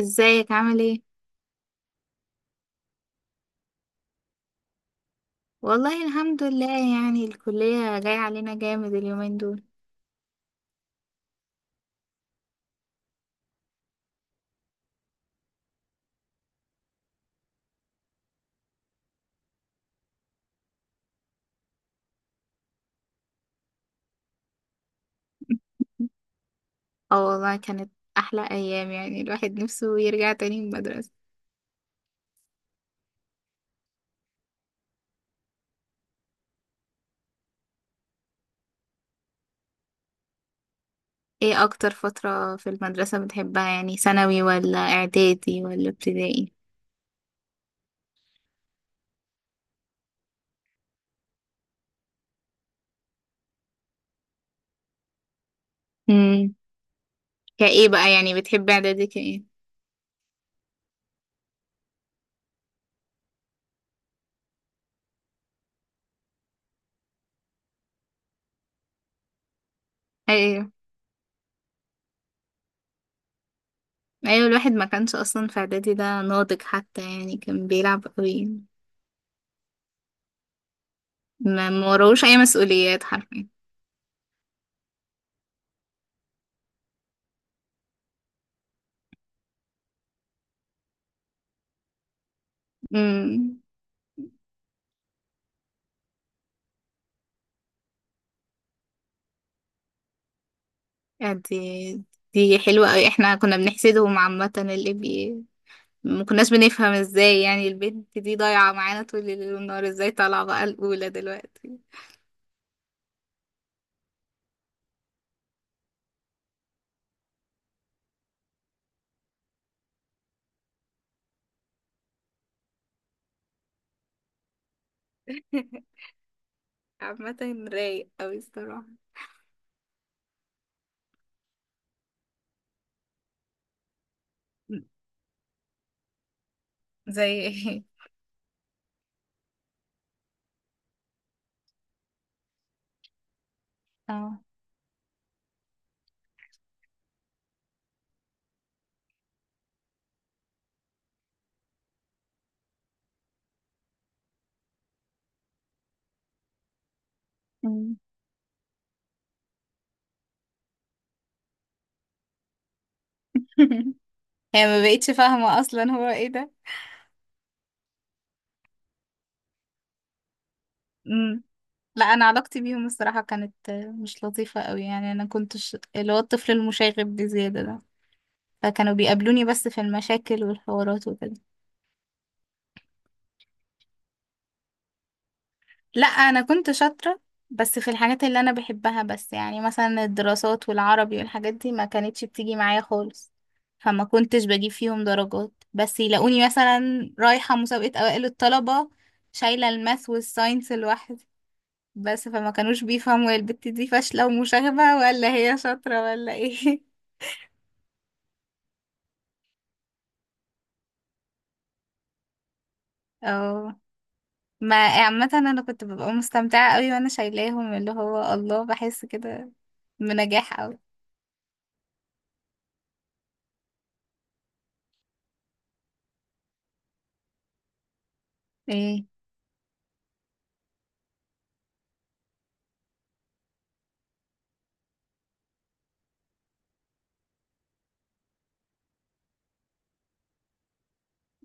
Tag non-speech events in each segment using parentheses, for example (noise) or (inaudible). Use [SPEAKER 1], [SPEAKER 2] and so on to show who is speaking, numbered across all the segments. [SPEAKER 1] ازيك عامل ايه؟ والله الحمد لله، يعني الكلية جاية علينا جامد اليومين دول. اه والله، كانت احلى ايام، يعني الواحد نفسه يرجع تاني المدرسة. ايه اكتر فترة في المدرسة بتحبها؟ يعني ثانوي ولا اعدادي ولا ابتدائي؟ امم. كايه بقى؟ يعني بتحب اعدادي كايه؟ ايوه، ايوه، الواحد ما كانش اصلا في اعدادي ده ناضج حتى، يعني كان بيلعب قوي. ما وراهوش اي مسؤوليات حرفيا. امم. آه، دي حلوة أوي، احنا كنا بنحسدهم عامة. اللي بي ما كناش بنفهم ازاي، يعني البنت دي ضايعة معانا طول الليل والنهار، ازاي طالعة بقى الأولى دلوقتي؟ (laughs) عامة رايق أوي الصراحة. زي (laughs) ايه؟ اه. أمم. (laughs) هي ما بقتش فاهمة أصلا هو ايه ده. أمم. لا، أنا علاقتي بيهم الصراحة كانت مش لطيفة أوي، يعني أنا كنتش اللي هو الطفل المشاغب بزيادة ده، فكانوا بيقابلوني بس في المشاكل والحوارات وكده. لا، انا كنت شاطرة، بس في الحاجات اللي انا بحبها بس، يعني مثلا الدراسات والعربي والحاجات دي ما كانتش بتيجي معايا خالص، فما كنتش بجيب فيهم درجات، بس يلاقوني مثلا رايحة مسابقة اوائل الطلبة شايلة الماث والساينس لوحدي بس، فما كانوش بيفهموا هي البت دي فاشلة ومشاغبة ولا هي شاطرة ولا ايه. (laughs) اه. ما عامة انا كنت ببقى مستمتعة قوي وانا شايلاهم، اللي هو الله بحس كده بنجاح قوي. ايه؟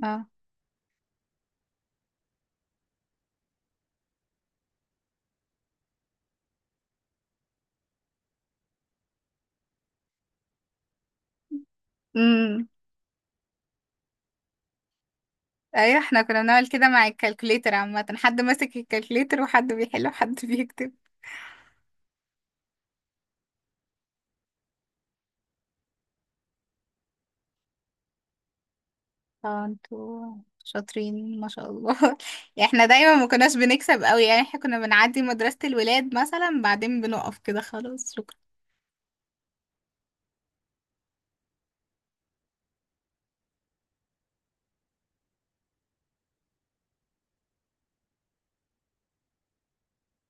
[SPEAKER 1] اه. ايوه، احنا كنا بنعمل كده مع الكالكوليتر، عامة حد ماسك الكالكوليتر وحد بيحل وحد بيكتب. اه، انتوا شاطرين ما شاء الله. (laughs) يعني احنا دايما ما كناش بنكسب قوي، يعني احنا كنا بنعدي مدرسة الولاد مثلا بعدين بنقف كده خلاص شكرا.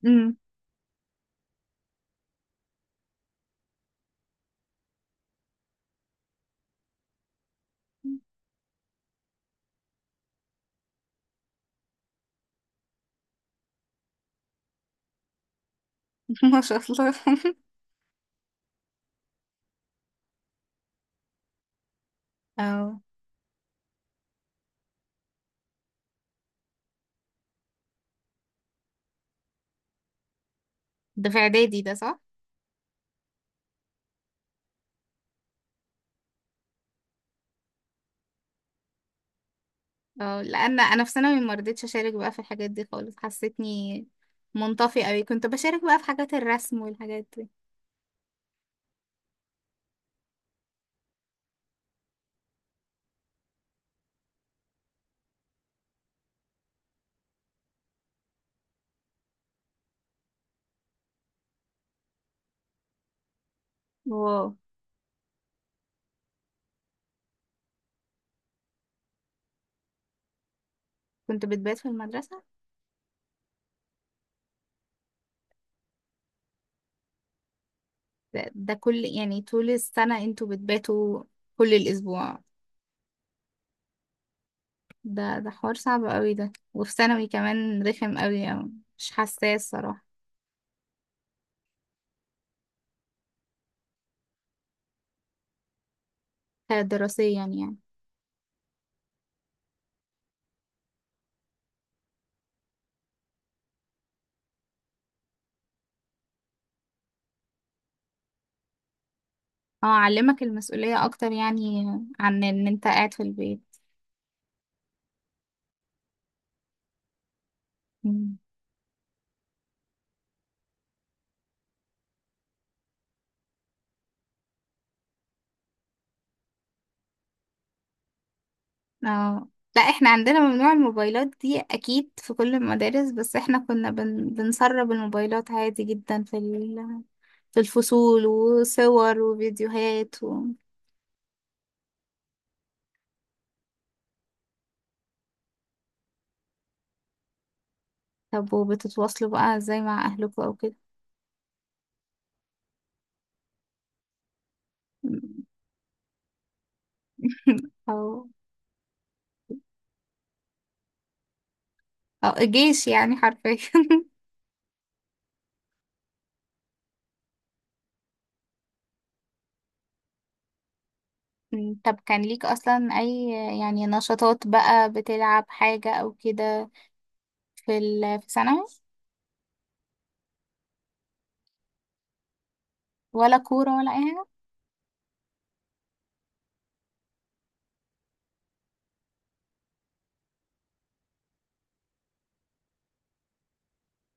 [SPEAKER 1] امم. (laughs) ما شاء الله. (laughs) اه. ده في اعدادي ده، صح؟ اه، لان انا في ثانوي ما رضيتش اشارك بقى في الحاجات دي خالص، حسيتني منطفي قوي. كنت بشارك بقى في حاجات الرسم والحاجات دي. واو، كنت بتبات في المدرسة؟ ده كل، يعني طول السنة انتوا بتباتوا كل الأسبوع؟ ده حوار صعب قوي ده، وفي ثانوي كمان رخم قوي أوي. مش حساس صراحة. دراسيا؟ يعني. اه، علمك المسؤولية أكتر، يعني عن إن أنت قاعد في البيت. مم. اه. لا، احنا عندنا ممنوع الموبايلات دي أكيد في كل المدارس، بس احنا كنا بنسرب الموبايلات عادي جدا في في الفصول، وصور وفيديوهات و... طب وبتتواصلوا بقى ازاي مع أهلكم أو كده؟ (laughs) او او الجيش يعني حرفيا. (laughs) مم. طب كان ليك اصلا اي، يعني نشاطات بقى، بتلعب حاجة او كده في ال في ثانوي؟ ولا كورة ولا اي حاجة؟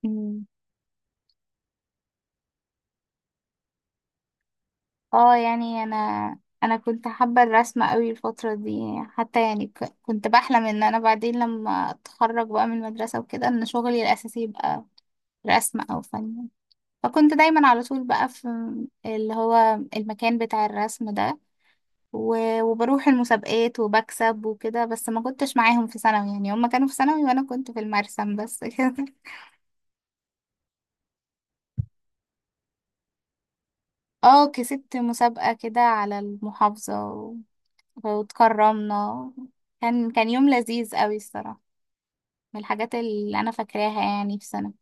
[SPEAKER 1] مم. اه، يعني انا، انا كنت حابة الرسم قوي الفترة دي، حتى يعني كنت بحلم ان انا بعدين لما اتخرج بقى من المدرسة وكده ان شغلي الاساسي يبقى رسم او فن. فكنت دايما على طول بقى في اللي هو المكان بتاع الرسم ده، وبروح المسابقات وبكسب وكده، بس ما كنتش معاهم في ثانوي، يعني هم كانوا في ثانوي وانا كنت في المرسم بس. (laughs) كده. اه، كسبت مسابقة كده على المحافظة واتكرمنا. كان يوم لذيذ قوي الصراحة، من الحاجات اللي انا فاكراها يعني في ثانوي.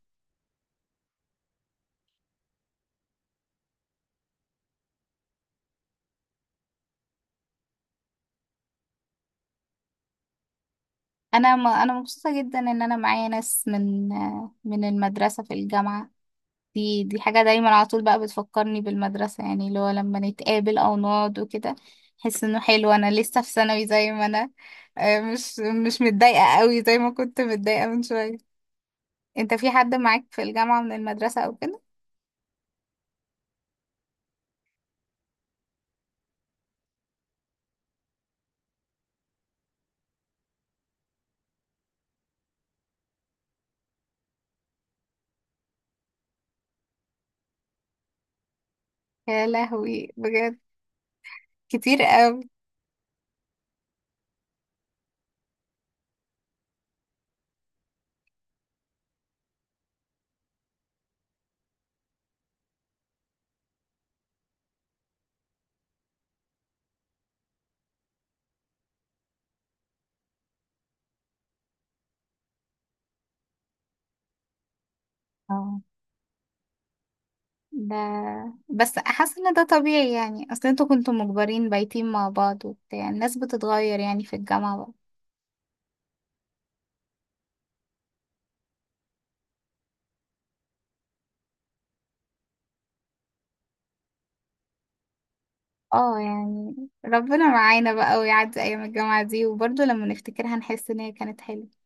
[SPEAKER 1] انا مبسوطة جدا ان انا معايا ناس من المدرسة في الجامعة. دي حاجة دايما على طول بقى بتفكرني بالمدرسة، يعني اللي هو لما نتقابل أو نقعد وكده. أحس إنه حلو، أنا لسه في ثانوي زي ما أنا، آه، مش مش متضايقة قوي زي ما كنت متضايقة من شوية. أنت في حد معاك في الجامعة من المدرسة أو كده؟ يا لهوي، بجد كتير قوي. اه. ده بس حاسة إن ده طبيعي، يعني أصل أنتوا كنتوا مجبرين بايتين مع بعض، وبتاع الناس بتتغير يعني في الجامعة. اه، يعني ربنا معانا بقى ويعدي ايام الجامعة دي، وبرضه لما نفتكرها نحس ان هي كانت حلوة.